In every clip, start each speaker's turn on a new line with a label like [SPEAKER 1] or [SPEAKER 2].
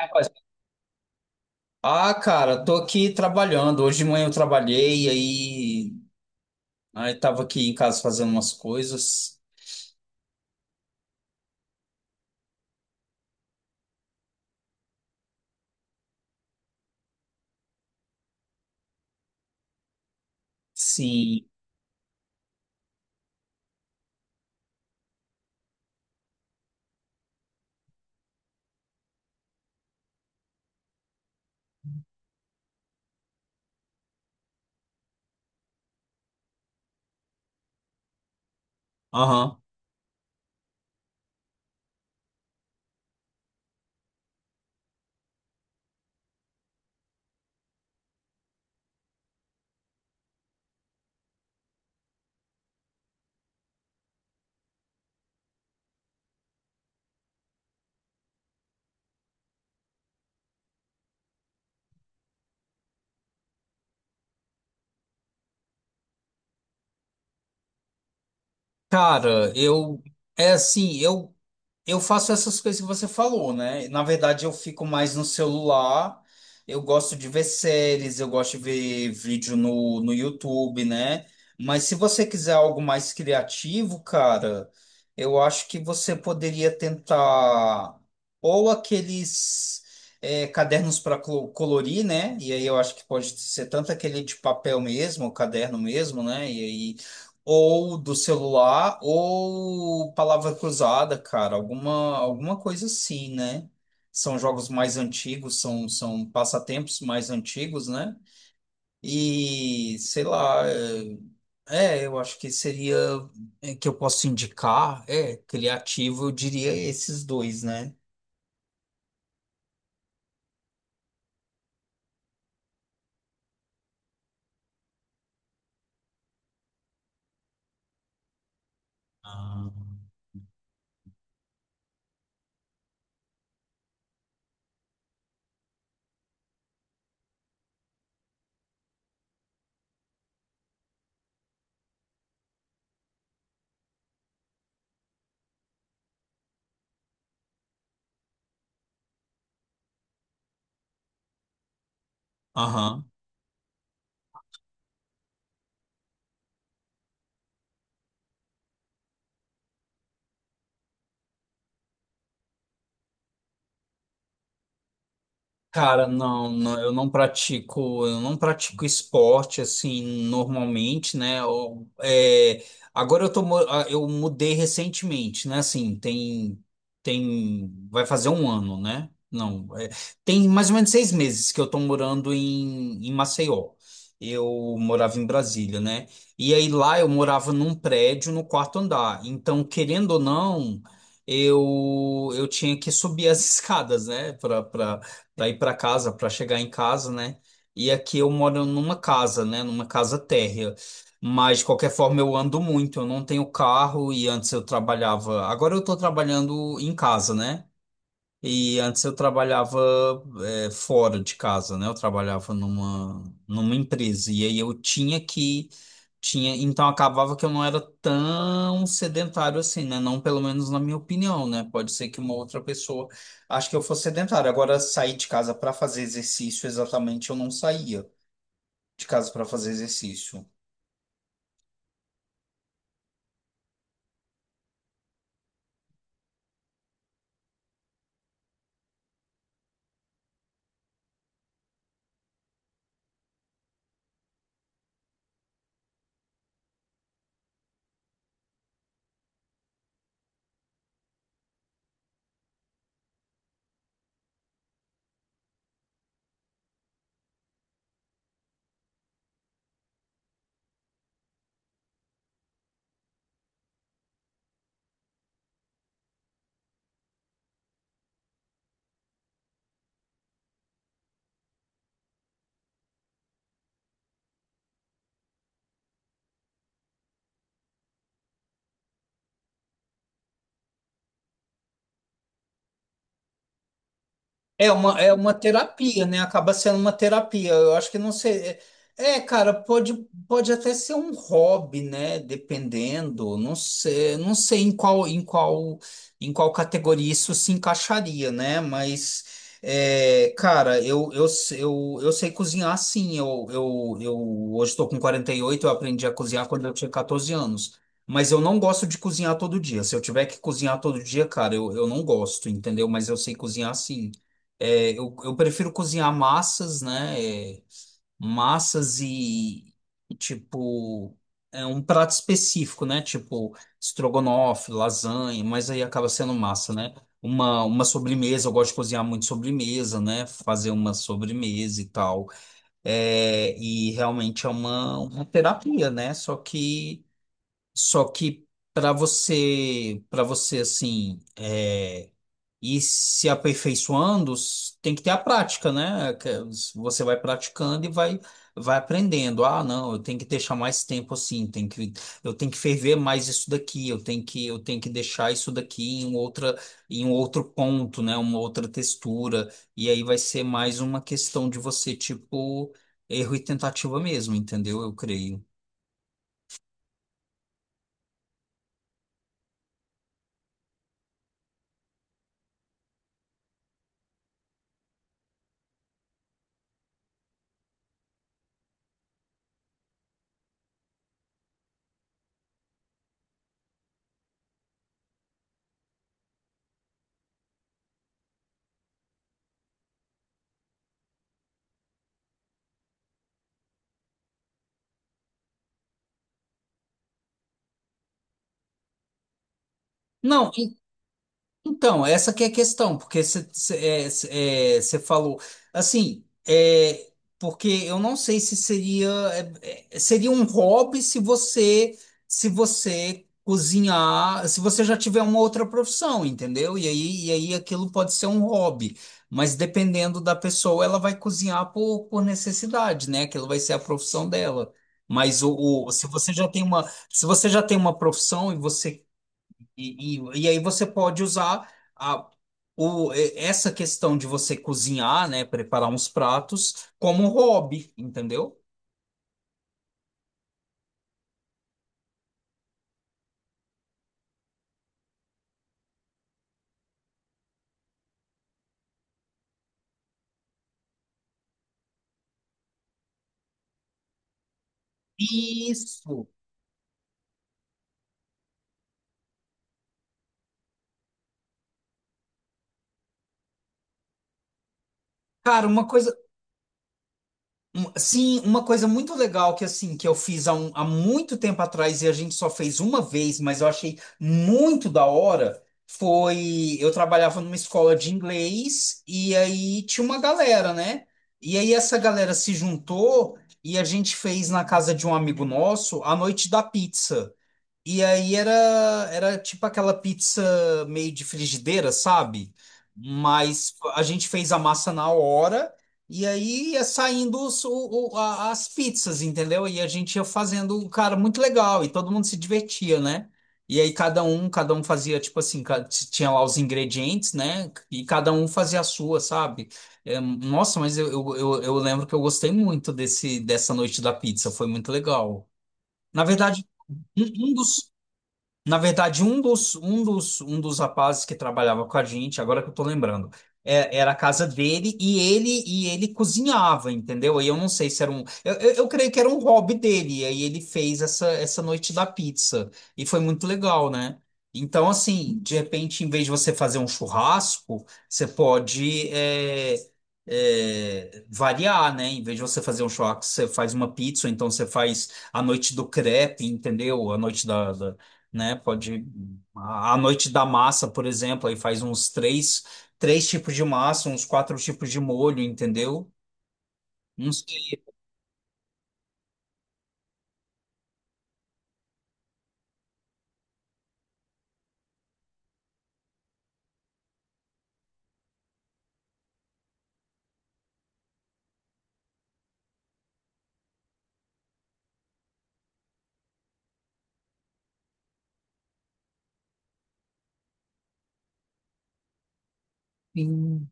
[SPEAKER 1] Rapaz, ah, cara, tô aqui trabalhando. Hoje de manhã eu trabalhei, aí, tava aqui em casa fazendo umas coisas. Sim. Aham. Cara, eu é assim, eu faço essas coisas que você falou, né? Na verdade, eu fico mais no celular. Eu gosto de ver séries, eu gosto de ver vídeo no YouTube, né? Mas se você quiser algo mais criativo, cara, eu acho que você poderia tentar ou aqueles cadernos para colorir, né? E aí eu acho que pode ser tanto aquele de papel mesmo, o caderno mesmo, né? E ou do celular, ou palavra cruzada, cara, alguma coisa assim, né? São jogos mais antigos, são passatempos mais antigos, né? E sei lá, eu acho que seria, que eu posso indicar, criativo, eu diria esses dois, né? Aham. Cara, não, não, eu não pratico esporte assim normalmente, né? Agora eu tô, eu mudei recentemente, né? Assim, tem, vai fazer um ano, né? Não, tem mais ou menos 6 meses que eu tô morando em, Maceió. Eu morava em Brasília, né? E aí lá eu morava num prédio no quarto andar. Então, querendo ou não, eu tinha que subir as escadas, né? Para ir para casa, para chegar em casa, né? E aqui eu moro numa casa, né? Numa casa térrea. Mas de qualquer forma eu ando muito, eu não tenho carro e antes eu trabalhava. Agora eu estou trabalhando em casa, né? E antes eu trabalhava fora de casa, né? Eu trabalhava numa empresa e aí eu tinha que tinha, então acabava que eu não era tão sedentário assim, né? Não pelo menos na minha opinião, né? Pode ser que uma outra pessoa acho que eu fosse sedentário. Agora sair de casa para fazer exercício exatamente eu não saía de casa para fazer exercício. É uma terapia, né? Acaba sendo uma terapia. Eu acho que não sei. É, cara, pode até ser um hobby, né? Dependendo. Não sei, não sei em qual, em qual categoria isso se encaixaria, né? Mas, é, cara, eu sei cozinhar sim. Eu hoje estou com 48. Eu aprendi a cozinhar quando eu tinha 14 anos. Mas eu não gosto de cozinhar todo dia. Se eu tiver que cozinhar todo dia, cara, eu não gosto, entendeu? Mas eu sei cozinhar sim. É, eu prefiro cozinhar massas, né? É, massas e, tipo, é um prato específico, né? Tipo, estrogonofe, lasanha, mas aí acaba sendo massa, né? Uma, sobremesa, eu gosto de cozinhar muito sobremesa, né? Fazer uma sobremesa e tal. É, e realmente é uma, terapia, né? Só que para você, assim. E se aperfeiçoando, tem que ter a prática, né? Que você vai praticando e vai aprendendo. Ah, não, eu tenho que deixar mais tempo assim, tem que, eu tenho que ferver mais isso daqui, eu tenho que deixar isso daqui em em um outro ponto, né? Uma outra textura. E aí vai ser mais uma questão de você, tipo, erro e tentativa mesmo, entendeu? Eu creio. Não, então, essa que é a questão, porque você falou assim, é, porque eu não sei se seria seria um hobby se você se você cozinhar, se você já tiver uma outra profissão, entendeu? E aí aquilo pode ser um hobby, mas dependendo da pessoa, ela vai cozinhar por necessidade, né? Aquilo vai ser a profissão dela. Mas se você já tem uma, se você já tem uma profissão e você e aí você pode usar a, essa questão de você cozinhar, né, preparar uns pratos como um hobby, entendeu? Isso. Cara, sim, uma coisa muito legal que assim que eu fiz há muito tempo atrás e a gente só fez uma vez, mas eu achei muito da hora, foi eu trabalhava numa escola de inglês e aí tinha uma galera, né? E aí essa galera se juntou e a gente fez na casa de um amigo nosso a noite da pizza. E aí era tipo aquela pizza meio de frigideira, sabe? Mas a gente fez a massa na hora e aí ia saindo as pizzas, entendeu? E a gente ia fazendo, um cara, muito legal e todo mundo se divertia, né? E aí cada um fazia tipo assim, tinha lá os ingredientes, né? E cada um fazia a sua, sabe? É, nossa, mas eu lembro que eu gostei muito dessa noite da pizza, foi muito legal. Na verdade, um um dos na verdade, um dos, um dos, um dos rapazes que trabalhava com a gente, agora que eu tô lembrando, era a casa dele e ele cozinhava, entendeu? Aí eu não sei se era um. Eu creio que era um hobby dele. E aí ele fez essa noite da pizza. E foi muito legal, né? Então, assim, de repente, em vez de você fazer um churrasco, você pode variar, né? Em vez de você fazer um churrasco, você faz uma pizza, ou então você faz a noite do crepe, entendeu? A noite da, da- né? Pode a noite da massa, por exemplo, aí faz uns três tipos de massa, uns quatro tipos de molho, entendeu? Uns sim, sim,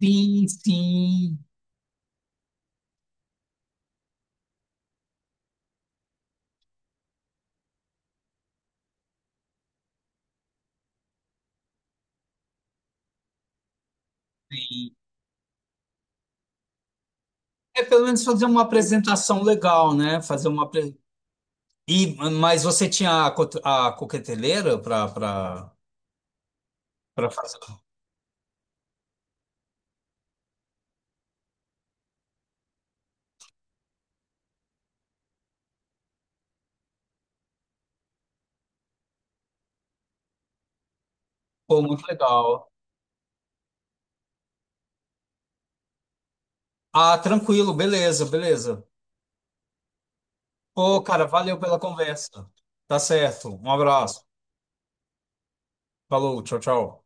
[SPEAKER 1] sim. Sim. É pelo menos fazer uma apresentação legal, né? E mas você tinha a, a coqueteleira para fazer. Pô, muito legal. Ah, tranquilo, beleza, beleza. Pô, cara, valeu pela conversa. Tá certo. Um abraço. Falou, tchau, tchau.